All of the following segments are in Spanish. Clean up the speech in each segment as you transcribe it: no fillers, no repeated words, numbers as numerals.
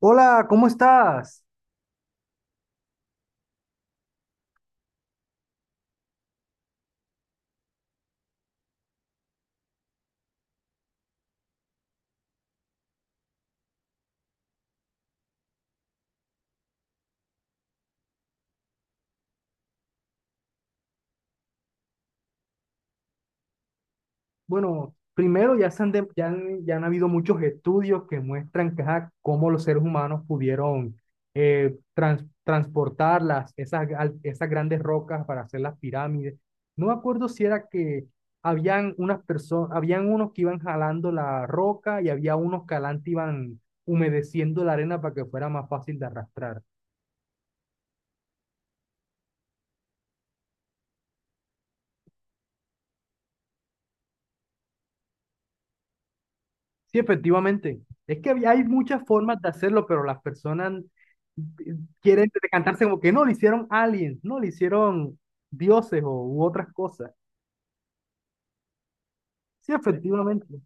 Hola, ¿cómo estás? Bueno, primero ya, ya han habido muchos estudios que muestran que, ajá, cómo los seres humanos pudieron transportar esas grandes rocas para hacer las pirámides. No me acuerdo si era que habían unas personas, habían unos que iban jalando la roca y había unos que adelante iban humedeciendo la arena para que fuera más fácil de arrastrar. Sí, efectivamente. Es que hay muchas formas de hacerlo, pero las personas eh, quieren decantarse como que no, le hicieron aliens, no, le hicieron dioses o, u otras cosas. Sí, efectivamente.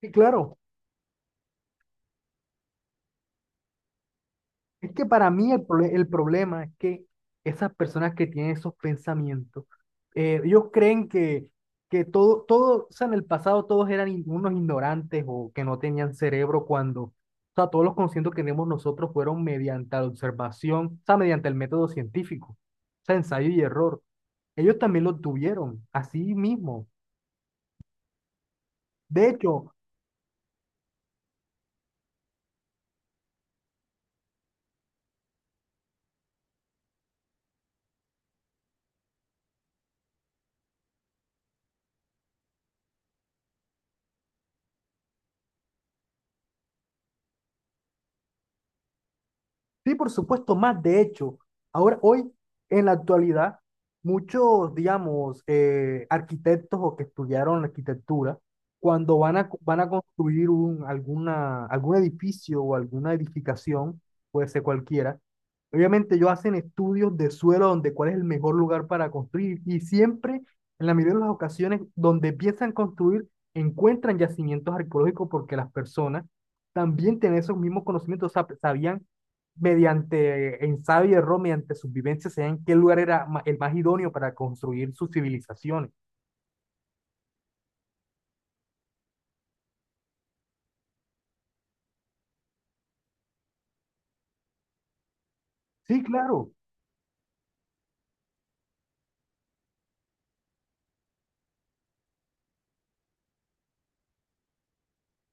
Sí, claro. Es que para mí el problema es que esas personas que tienen esos pensamientos, ellos creen que todo, o sea, en el pasado todos eran unos ignorantes o que no tenían cerebro cuando, o sea, todos los conocimientos que tenemos nosotros fueron mediante la observación, o sea, mediante el método científico, o sea, ensayo y error. Ellos también lo tuvieron, así mismo. De hecho. Sí, por supuesto, más de hecho. Ahora, hoy, en la actualidad, muchos, digamos, arquitectos o que estudiaron arquitectura, cuando van a construir algún edificio o alguna edificación, puede ser cualquiera, obviamente ellos hacen estudios de suelo donde cuál es el mejor lugar para construir y siempre, en la mayoría de las ocasiones, donde empiezan a construir, encuentran yacimientos arqueológicos porque las personas también tienen esos mismos conocimientos, sabían mediante ensayo y error, mediante sus vivencias, sabían en qué lugar era el más idóneo para construir sus civilizaciones. Sí, claro,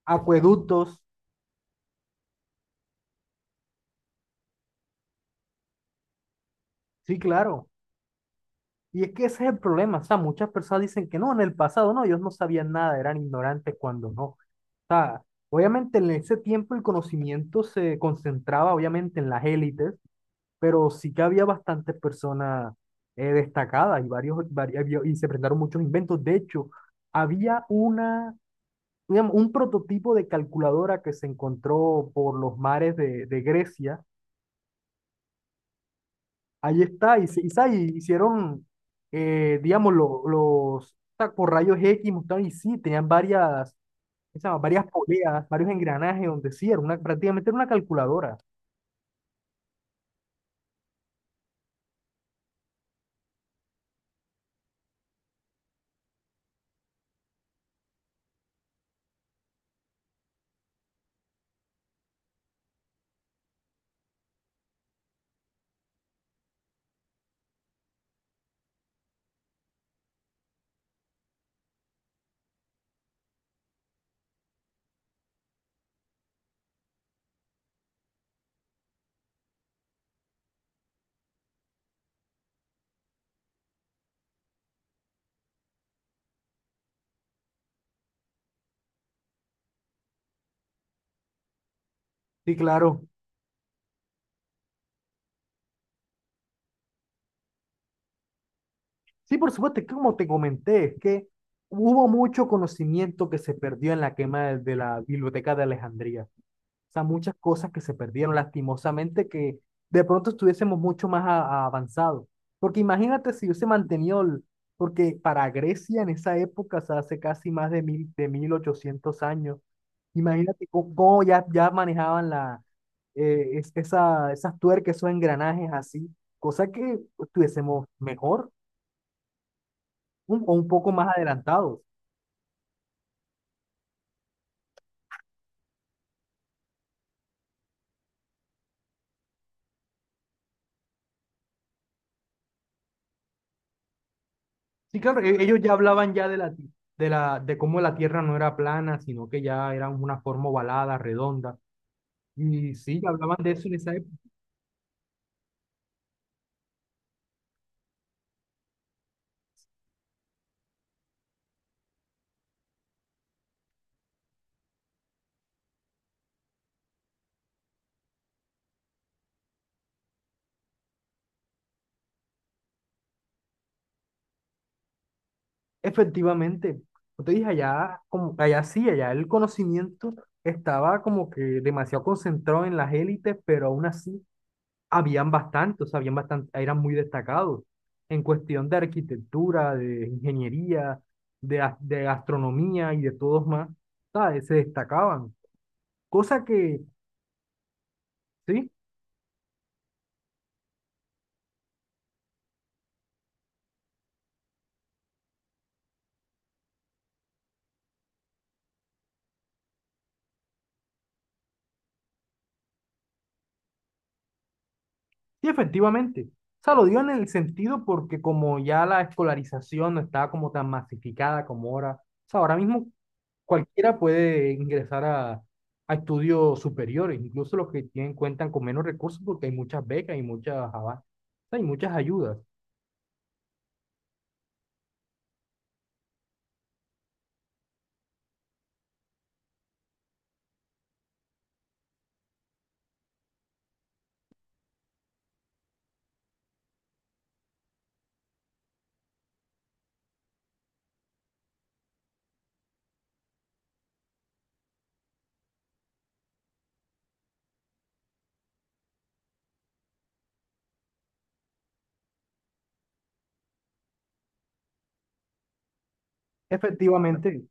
acueductos, sí, claro. Y es que ese es el problema, o sea, muchas personas dicen que no, en el pasado no, ellos no sabían nada, eran ignorantes cuando no. O sea, obviamente en ese tiempo el conocimiento se concentraba obviamente en las élites, pero sí que había bastantes personas destacadas y y se presentaron muchos inventos. De hecho, había una, digamos, un prototipo de calculadora que se encontró por los mares de Grecia. Ahí está, y, y hicieron, digamos, por rayos X, mostraron, y sí, tenían varias, ¿qué se llama? Varias poleas, varios engranajes donde sí, era una, prácticamente era una calculadora. Sí, claro. Sí, por supuesto, es que como te comenté, es que hubo mucho conocimiento que se perdió en la quema de la Biblioteca de Alejandría. O sea, muchas cosas que se perdieron, lastimosamente, que de pronto estuviésemos mucho más a avanzados. Porque imagínate si hubiese mantenido, porque para Grecia en esa época, o sea, hace casi más de 1800 años, imagínate cómo ya manejaban la, esas tuercas, esos engranajes así, cosa que estuviésemos mejor o un poco más adelantados. Sí, claro, ellos ya hablaban ya de la, ti- de la, de cómo la Tierra no era plana, sino que ya era una forma ovalada, redonda. Y sí, ya hablaban de eso en esa época. Efectivamente, como te dije, allá, como, allá sí, allá el conocimiento estaba como que demasiado concentrado en las élites, pero aún así habían bastante, o sea, eran muy destacados en cuestión de arquitectura, de ingeniería, de astronomía y de todos más, ¿sabes? Se destacaban. Cosa que... Sí, sí, efectivamente. O sea, lo digo en el sentido porque como ya la escolarización no estaba como tan masificada como ahora, o sea, ahora mismo cualquiera puede ingresar a estudios superiores, incluso los que tienen cuentan con menos recursos porque hay muchas becas y muchas o sea, hay muchas ayudas. Efectivamente.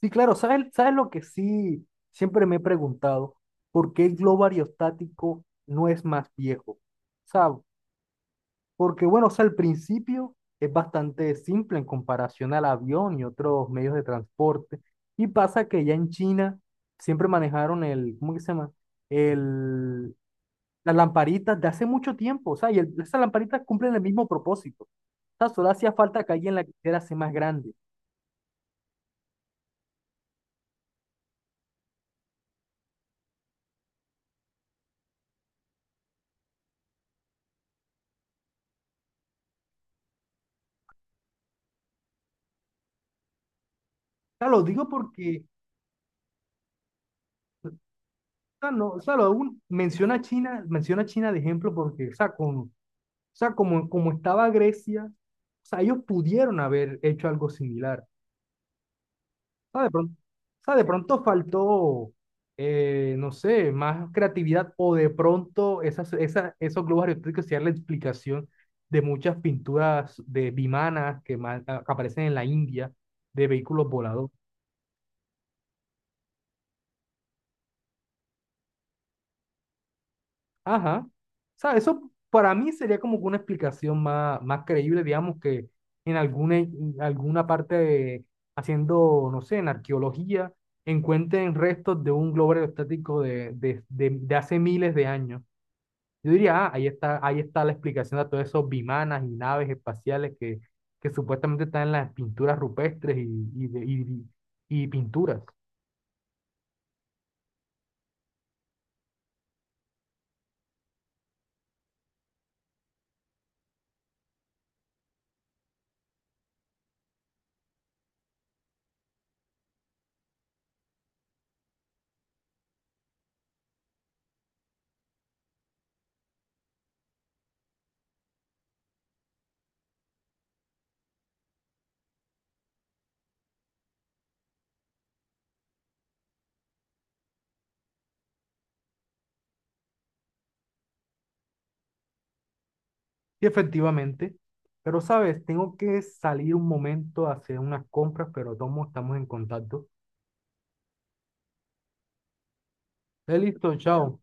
Sí, claro, ¿sabes lo que sí siempre me he preguntado. ¿Por qué el globo aerostático no es más viejo? O sea, porque bueno, o sea, al principio es bastante simple en comparación al avión y otros medios de transporte. Y pasa que ya en China siempre manejaron el, ¿cómo que se llama? El, las lamparitas de hace mucho tiempo. O sea, y esas lamparitas cumplen el mismo propósito. O sea, solo hacía falta que alguien la quisiera hacer más grande. O sea, lo digo porque, o sea, no, o sea, lo aún menciona a China de ejemplo porque, o sea, o sea, como estaba Grecia, o sea, ellos pudieron haber hecho algo similar. Sea, de pronto, o de pronto faltó, no sé, más creatividad o de pronto esos globos aerostáticos sean la explicación de muchas pinturas de vimanas que aparecen en la India de vehículos volados. Ajá. O sea, eso para mí sería como que una explicación más, más creíble, digamos, que en alguna parte haciendo, no sé, en arqueología, encuentren restos de un globo aerostático de hace miles de años. Yo diría, ah, ahí está la explicación de todos esos bimanas y naves espaciales que supuestamente están en las pinturas rupestres y, de- y- y pinturas. Y efectivamente, pero sabes, tengo que salir un momento a hacer unas compras, pero todos estamos en contacto. Listo, chao.